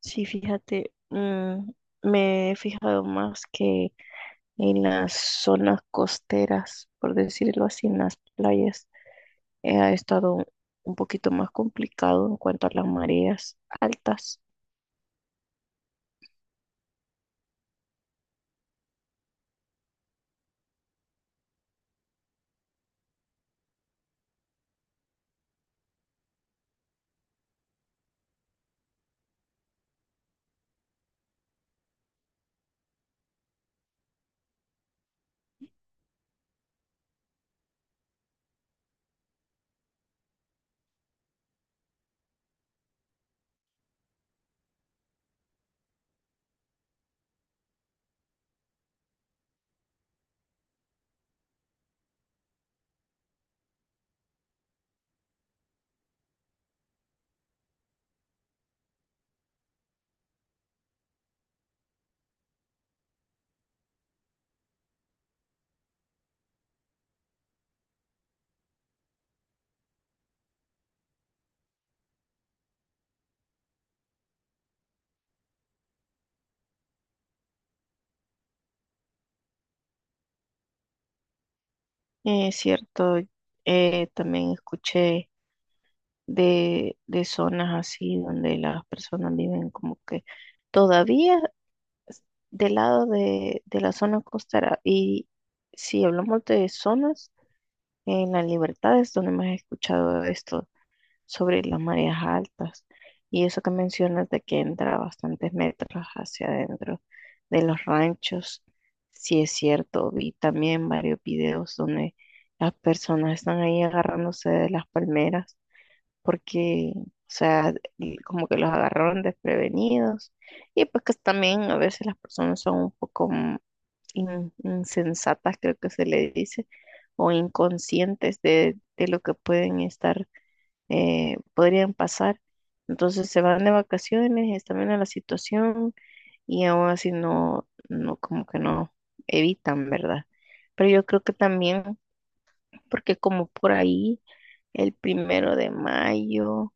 Sí, fíjate, me he fijado más que en las zonas costeras, por decirlo así, en las playas, ha estado un poquito más complicado en cuanto a las mareas altas. Es cierto, también escuché de zonas así donde las personas viven como que todavía s- del lado de la zona costera. Y si hablamos de zonas, en La Libertad es donde más he escuchado esto sobre las mareas altas y eso que mencionas de que entra bastantes metros hacia adentro de los ranchos, sí es cierto, vi también varios videos donde las personas están ahí agarrándose de las palmeras porque, o sea, y como que los agarraron desprevenidos y pues que también a veces las personas son un poco insensatas, creo que se le dice, o inconscientes de lo que pueden estar, podrían pasar. Entonces se van de vacaciones, están viendo la situación y aún así no, no, como que no evitan, ¿verdad? Pero yo creo que también, porque como por ahí, el primero de mayo,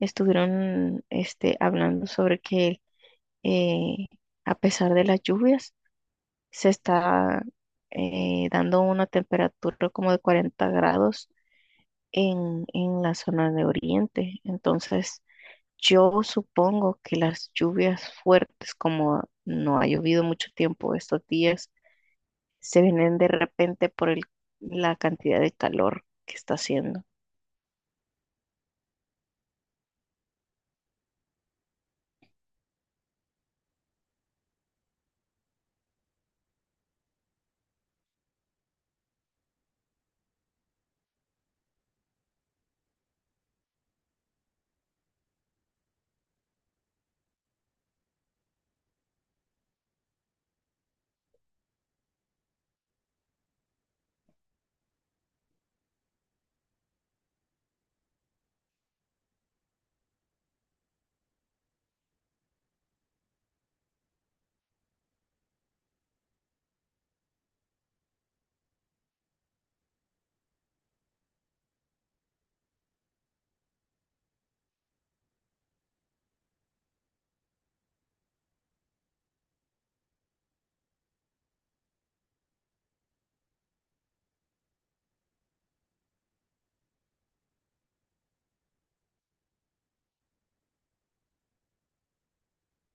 estuvieron hablando sobre que eh, a pesar de las lluvias, se está dando una temperatura como de 40 grados en la zona de Oriente. Entonces, yo supongo que las lluvias fuertes, como no ha llovido mucho tiempo estos días, se vienen de repente la cantidad de calor que está haciendo.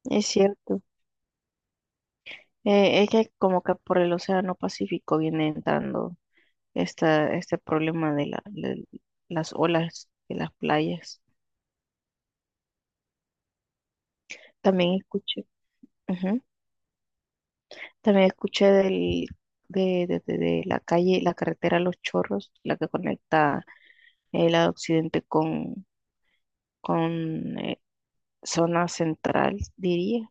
Es cierto. Es que como que por el Océano Pacífico viene entrando este problema de las olas de las playas. También escuché. Ujú. También escuché del, de la calle, la carretera Los Chorros, la que conecta el lado occidente con, con eh, zona central, diría.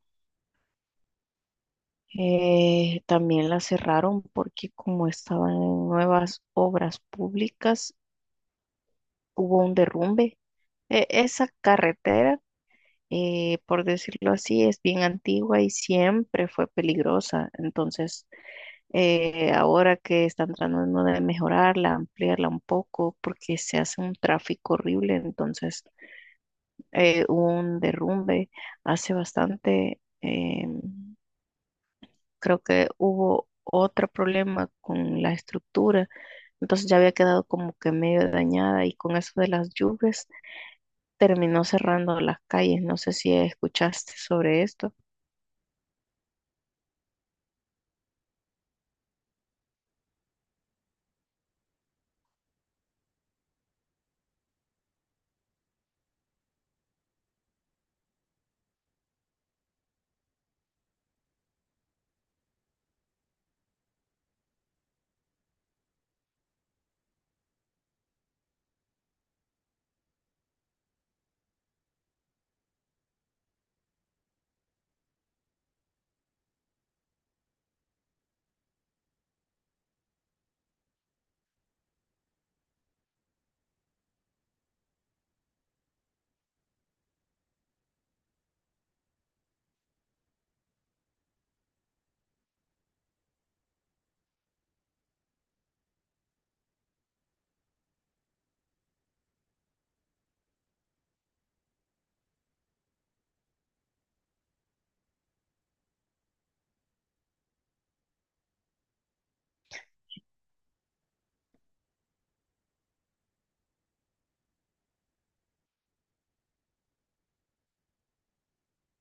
También la cerraron porque como estaban en nuevas obras públicas, hubo un derrumbe. Esa carretera, por decirlo así, es bien antigua y siempre fue peligrosa. Entonces ahora que están tratando de mejorarla, ampliarla un poco, porque se hace un tráfico horrible, entonces hubo un derrumbe hace bastante, creo que hubo otro problema con la estructura, entonces ya había quedado como que medio dañada y con eso de las lluvias terminó cerrando las calles, no sé si escuchaste sobre esto.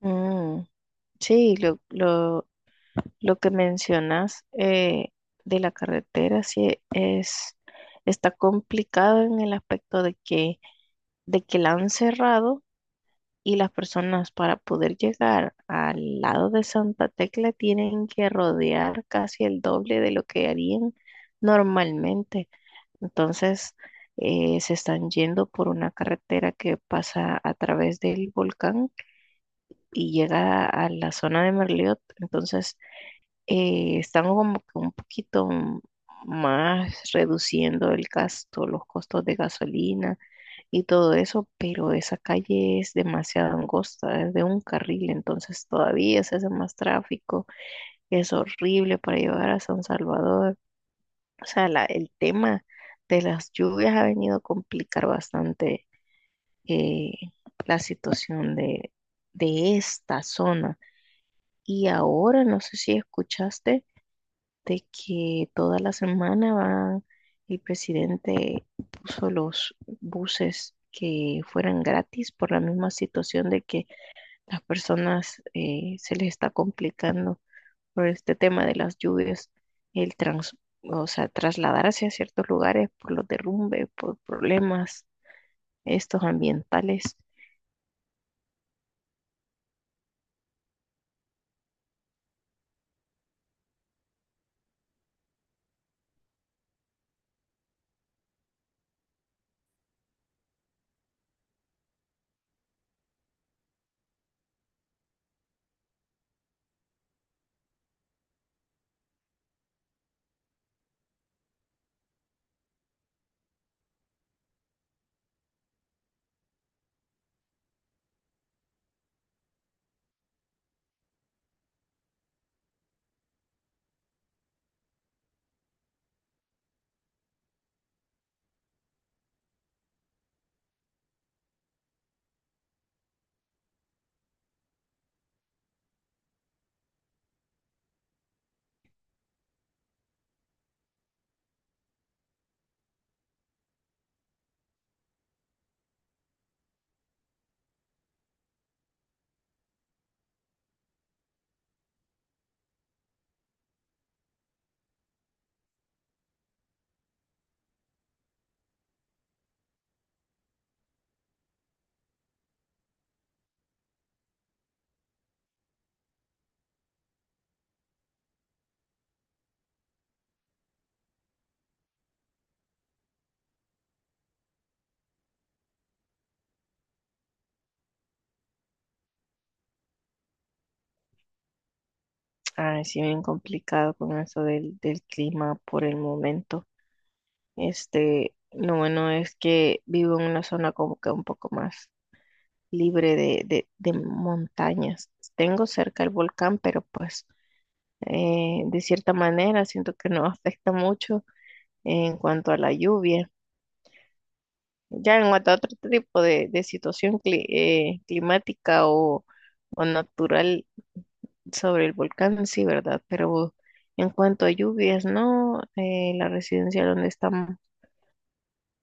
Mm, sí, lo, lo que mencionas de la carretera sí es, está complicado en el aspecto de que la han cerrado y las personas para poder llegar al lado de Santa Tecla tienen que rodear casi el doble de lo que harían normalmente. Entonces, se están yendo por una carretera que pasa a través del volcán y llega a la zona de Merliot. Entonces, están como que un poquito más reduciendo el gasto, los costos de gasolina y todo eso, pero esa calle es demasiado angosta, es de un carril, entonces todavía se hace más tráfico, es horrible para llegar a San Salvador. O sea, el tema de las lluvias ha venido a complicar bastante eh, la situación de esta zona. Y ahora, no sé si escuchaste de que toda la semana va, el presidente puso los buses que fueran gratis por la misma situación de que las personas se les está complicando por este tema de las lluvias, el trans, o sea, trasladarse a ciertos lugares por los derrumbes, por problemas estos ambientales. Ah, sí, bien complicado con eso del clima por el momento. Lo bueno es que vivo en una zona como que un poco más libre de montañas. Tengo cerca el volcán, pero pues de cierta manera siento que no afecta mucho en cuanto a la lluvia. Ya en cuanto a otro tipo de situación climática o natural sobre el volcán, sí, ¿verdad? Pero en cuanto a lluvias, no. La residencia donde estamos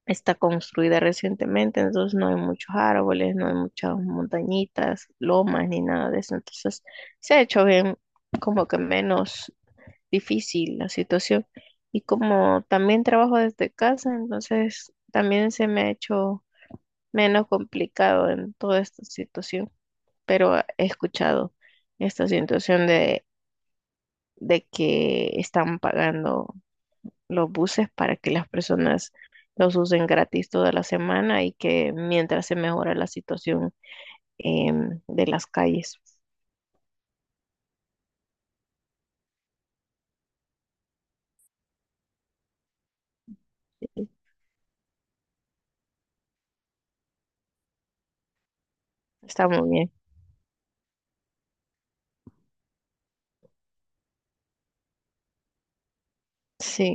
está construida recientemente, entonces no hay muchos árboles, no hay muchas montañitas, lomas ni nada de eso. Entonces se ha hecho bien, como que menos difícil la situación. Y como también trabajo desde casa, entonces también se me ha hecho menos complicado en toda esta situación. Pero he escuchado esta situación de que están pagando los buses para que las personas los usen gratis toda la semana y que mientras se mejora la situación de las calles. Sí, está muy bien. Sí.